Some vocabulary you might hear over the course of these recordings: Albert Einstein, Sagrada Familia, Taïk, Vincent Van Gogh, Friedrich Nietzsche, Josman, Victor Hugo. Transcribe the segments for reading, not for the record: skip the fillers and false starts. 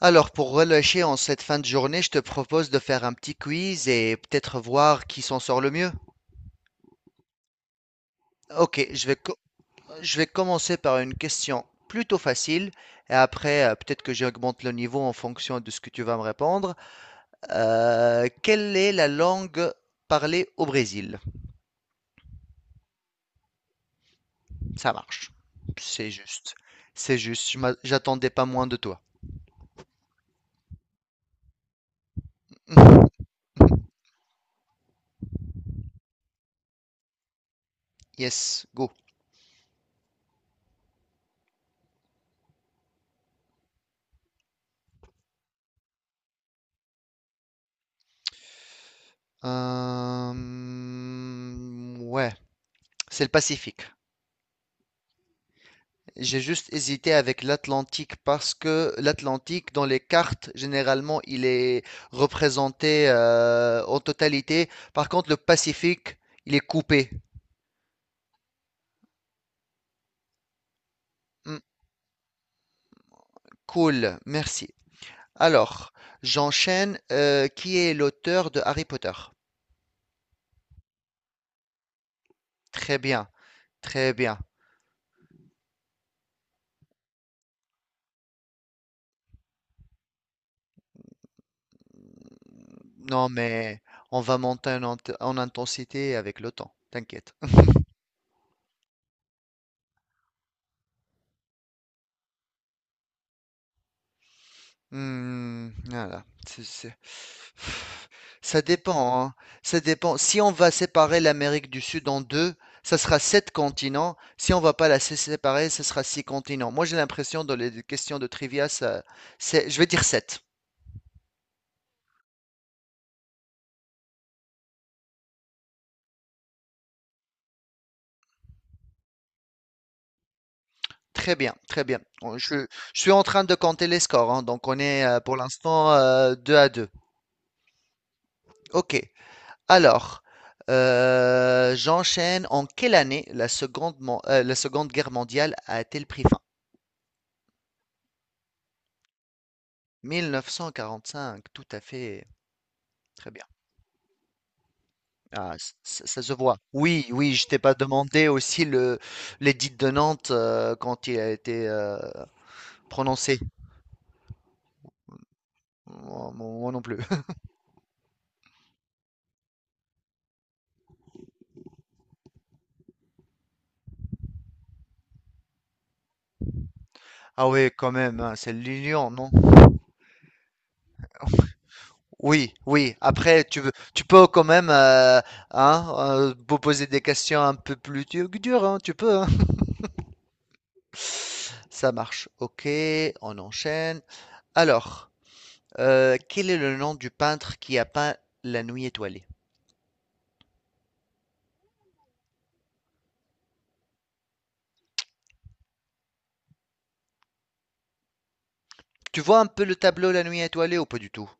Alors, pour relâcher en cette fin de journée, je te propose de faire un petit quiz et peut-être voir qui s'en sort le mieux. Ok, je vais commencer par une question plutôt facile et après, peut-être que j'augmente le niveau en fonction de ce que tu vas me répondre. Quelle est la langue parlée au Brésil? Ça marche. C'est juste. C'est juste. J'attendais pas moins de toi. Yes, go. Euh, ouais, c'est le Pacifique. J'ai juste hésité avec l'Atlantique parce que l'Atlantique, dans les cartes, généralement, il est représenté en totalité. Par contre, le Pacifique, il est coupé. Hmm, cool, merci. Alors, j'enchaîne. Qui est l'auteur de Harry Potter? Très bien, très bien. Non, mais on va monter en intensité avec le temps, t'inquiète. Hmm, voilà. Ça dépend, hein. Ça dépend. Si on va séparer l'Amérique du Sud en deux, ça sera sept continents. Si on va pas la séparer, ce sera six continents. Moi, j'ai l'impression dans les questions de trivia, ça, c'est, je vais dire sept. Très bien, très bien. Je suis en train de compter les scores, hein. Donc on est pour l'instant deux à deux. Ok. Alors, j'enchaîne. En quelle année la Seconde Guerre mondiale a-t-elle pris fin? 1945, tout à fait. Très bien. Ah, ça se voit. Oui, oui, je t'ai pas demandé aussi le l'édit de Nantes quand il a été prononcé. Moi non plus. Ah oui, quand même, hein, c'est l'Union, non? Oui, oui. Après, tu peux quand même hein, vous poser des questions un peu plus dures, hein, tu peux, hein. Ça marche. Ok, on enchaîne. Alors, quel est le nom du peintre qui a peint La Nuit étoilée? Tu vois un peu le tableau La Nuit étoilée ou pas du tout?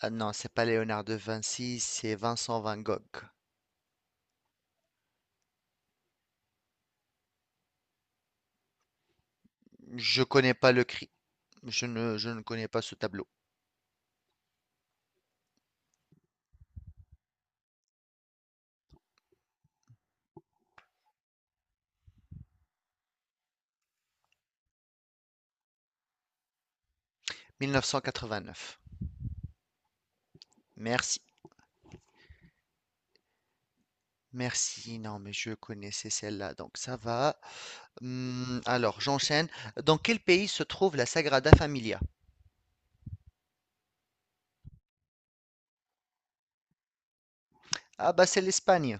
Ah non, c'est pas Léonard de Vinci, c'est Vincent Van Gogh. Je connais pas le cri. Je ne connais pas ce tableau. 1989. Merci. Merci. Non, mais je connaissais celle-là, donc ça va. Alors, j'enchaîne. Dans quel pays se trouve la Sagrada Familia? Ah bah c'est l'Espagne.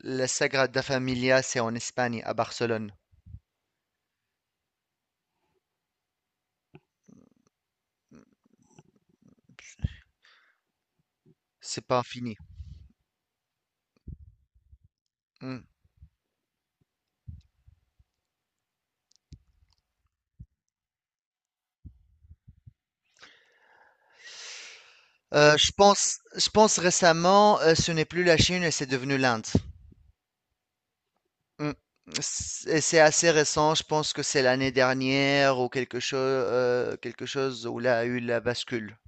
La Sagrada Familia, c'est en Espagne, à Barcelone. C'est pas fini. Hum. Je pense récemment, ce n'est plus la Chine, et c'est devenu l'Inde. Mmh. C'est assez récent, je pense que c'est l'année dernière ou quelque chose où il a eu la bascule.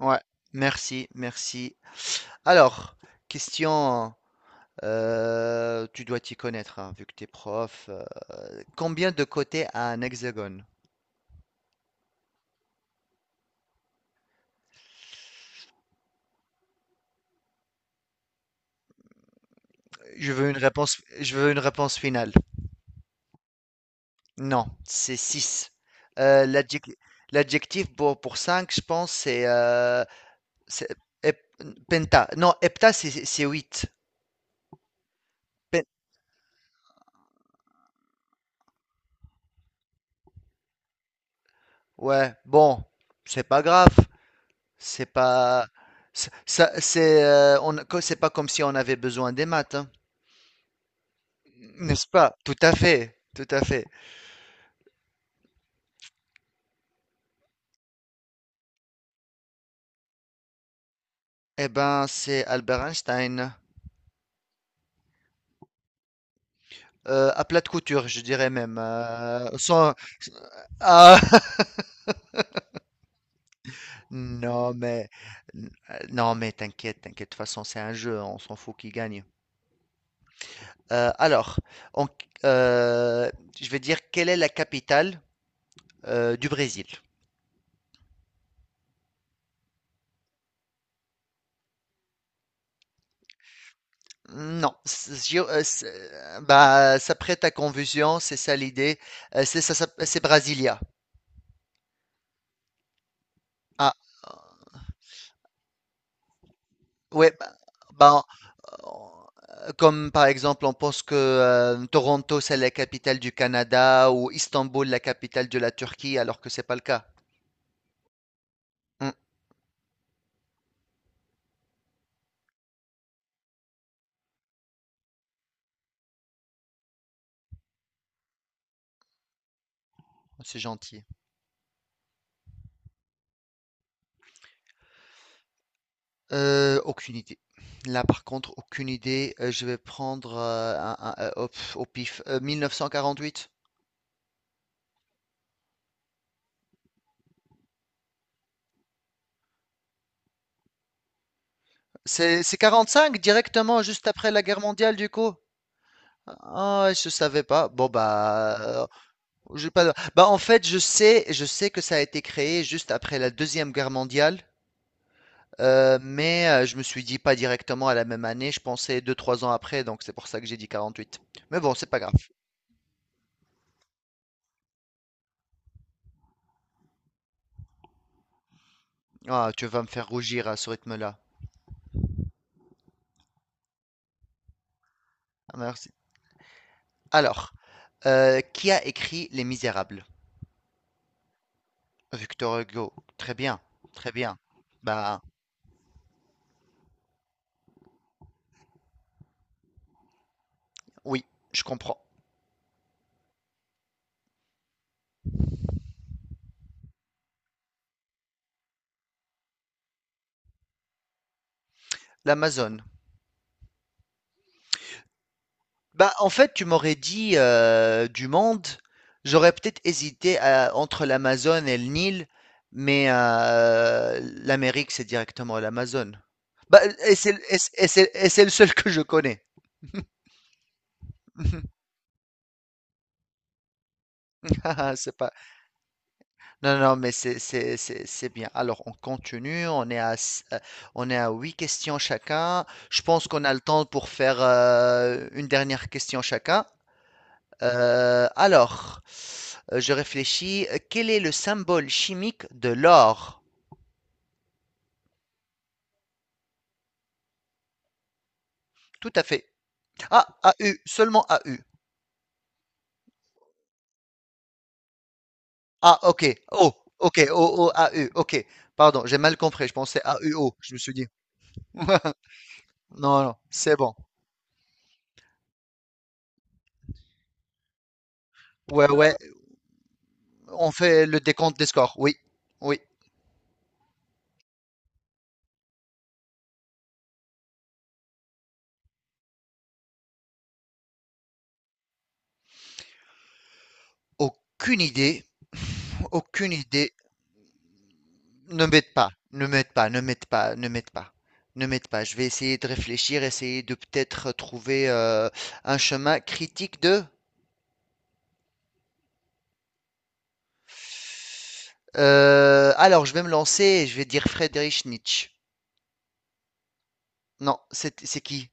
Ouais, merci, merci. Alors, question, tu dois t'y connaître, hein, vu que t'es prof, combien de côtés a un hexagone? Je veux une réponse finale. Non, c'est 6. L'adjectif pour 5, je pense, c'est hep penta. Non, hepta, c'est 8. Ouais, bon, c'est pas grave, c'est pas, c'est- ça, c'est, on, co- c'est pas comme si on avait besoin des maths, hein, n'est-ce pas? Tout à fait, tout à fait. Eh ben, c'est Albert Einstein, à plate couture, je dirais même. Ah, non mais, non mais, t'inquiète, t'inquiète. De toute façon, c'est un jeu, on s'en fout qui gagne. Alors, en- euh, je vais dire quelle est la capitale du Brésil? Non, bah, ça prête à confusion, c'est ça l'idée. C'est ça, c'est Brasilia. Ah, ouais, bah, comme par exemple, on pense que Toronto, c'est la capitale du Canada ou Istanbul, la capitale de la Turquie, alors que c'est pas le cas. Hum, c'est gentil. Aucune idée. Là, par contre, aucune idée. Je vais prendre au pif. 1948. C'est cinq directement juste après la guerre mondiale du coup? Ah, je savais pas. Bon bah, j'ai pas. Bah en fait, je sais que ça a été créé juste après la Deuxième Guerre mondiale, mais je me suis dit pas directement à la même année. Je pensais deux trois ans après, donc c'est pour ça que j'ai dit quarante-huit. Mais bon, c'est pas grave. Ah, tu vas me faire rougir à ce rythme-là. Ah, merci. Alors, qui a écrit Les Misérables? Victor Hugo. Très bien, très bien. Bah oui, je comprends. L'Amazone. Bah, en fait, tu m'aurais dit, du monde, j'aurais peut-être hésité à entre l'Amazone et le Nil, mais, l'Amérique, c'est directement l'Amazone. Bah, et c'est le seul que je connais. Haha, C'est pas non, non, mais c'est bien. Alors on continue, on est à 8 questions chacun. Je pense qu'on a le temps pour faire, une dernière question chacun. Alors, je réfléchis. Quel est le symbole chimique de l'or? Tout à fait. Ah, AU, seulement AU. Ah, ok. Oh, ok. O oh, AU. Ok. Pardon, j'ai mal compris. Je pensais AUO. Je me suis dit. Non, non, c'est bon. Ouais, ouais. On fait le décompte des scores. Oui, oui. Aucune idée. Aucune idée. Ne m'aide pas, ne m'aide pas, ne m'aide pas, ne m'aide pas, ne m'aide pas. Je vais essayer de réfléchir, essayer de peut-être trouver un chemin critique de. Alors, je vais me lancer et je vais dire Friedrich Nietzsche. Non, c'est qui?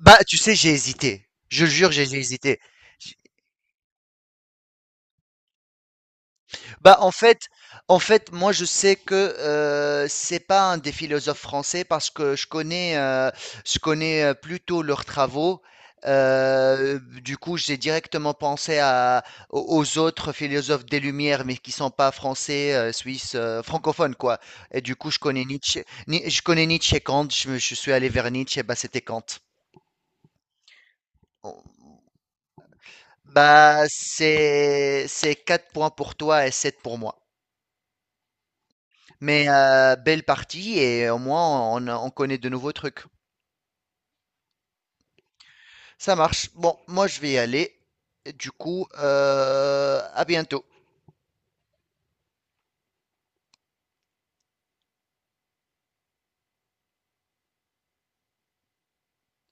Bah, tu sais, j'ai hésité. Je le jure, j'ai hésité. Bah, en fait, moi, je sais que c'est pas un des philosophes français parce que je connais plutôt leurs travaux. Du coup, j'ai directement pensé à, aux aux autres philosophes des Lumières, mais qui sont pas français, suisses, francophones, quoi. Et du coup, je connais Nietzsche, Ni- je connais Nietzsche et Kant. Je suis allé vers Nietzsche, et bah, c'était Kant. Bah, c'est 4 points pour toi et 7 pour moi. Mais belle partie et au moins on connaît de nouveaux trucs. Ça marche. Bon, moi je vais y aller. Du coup, à bientôt.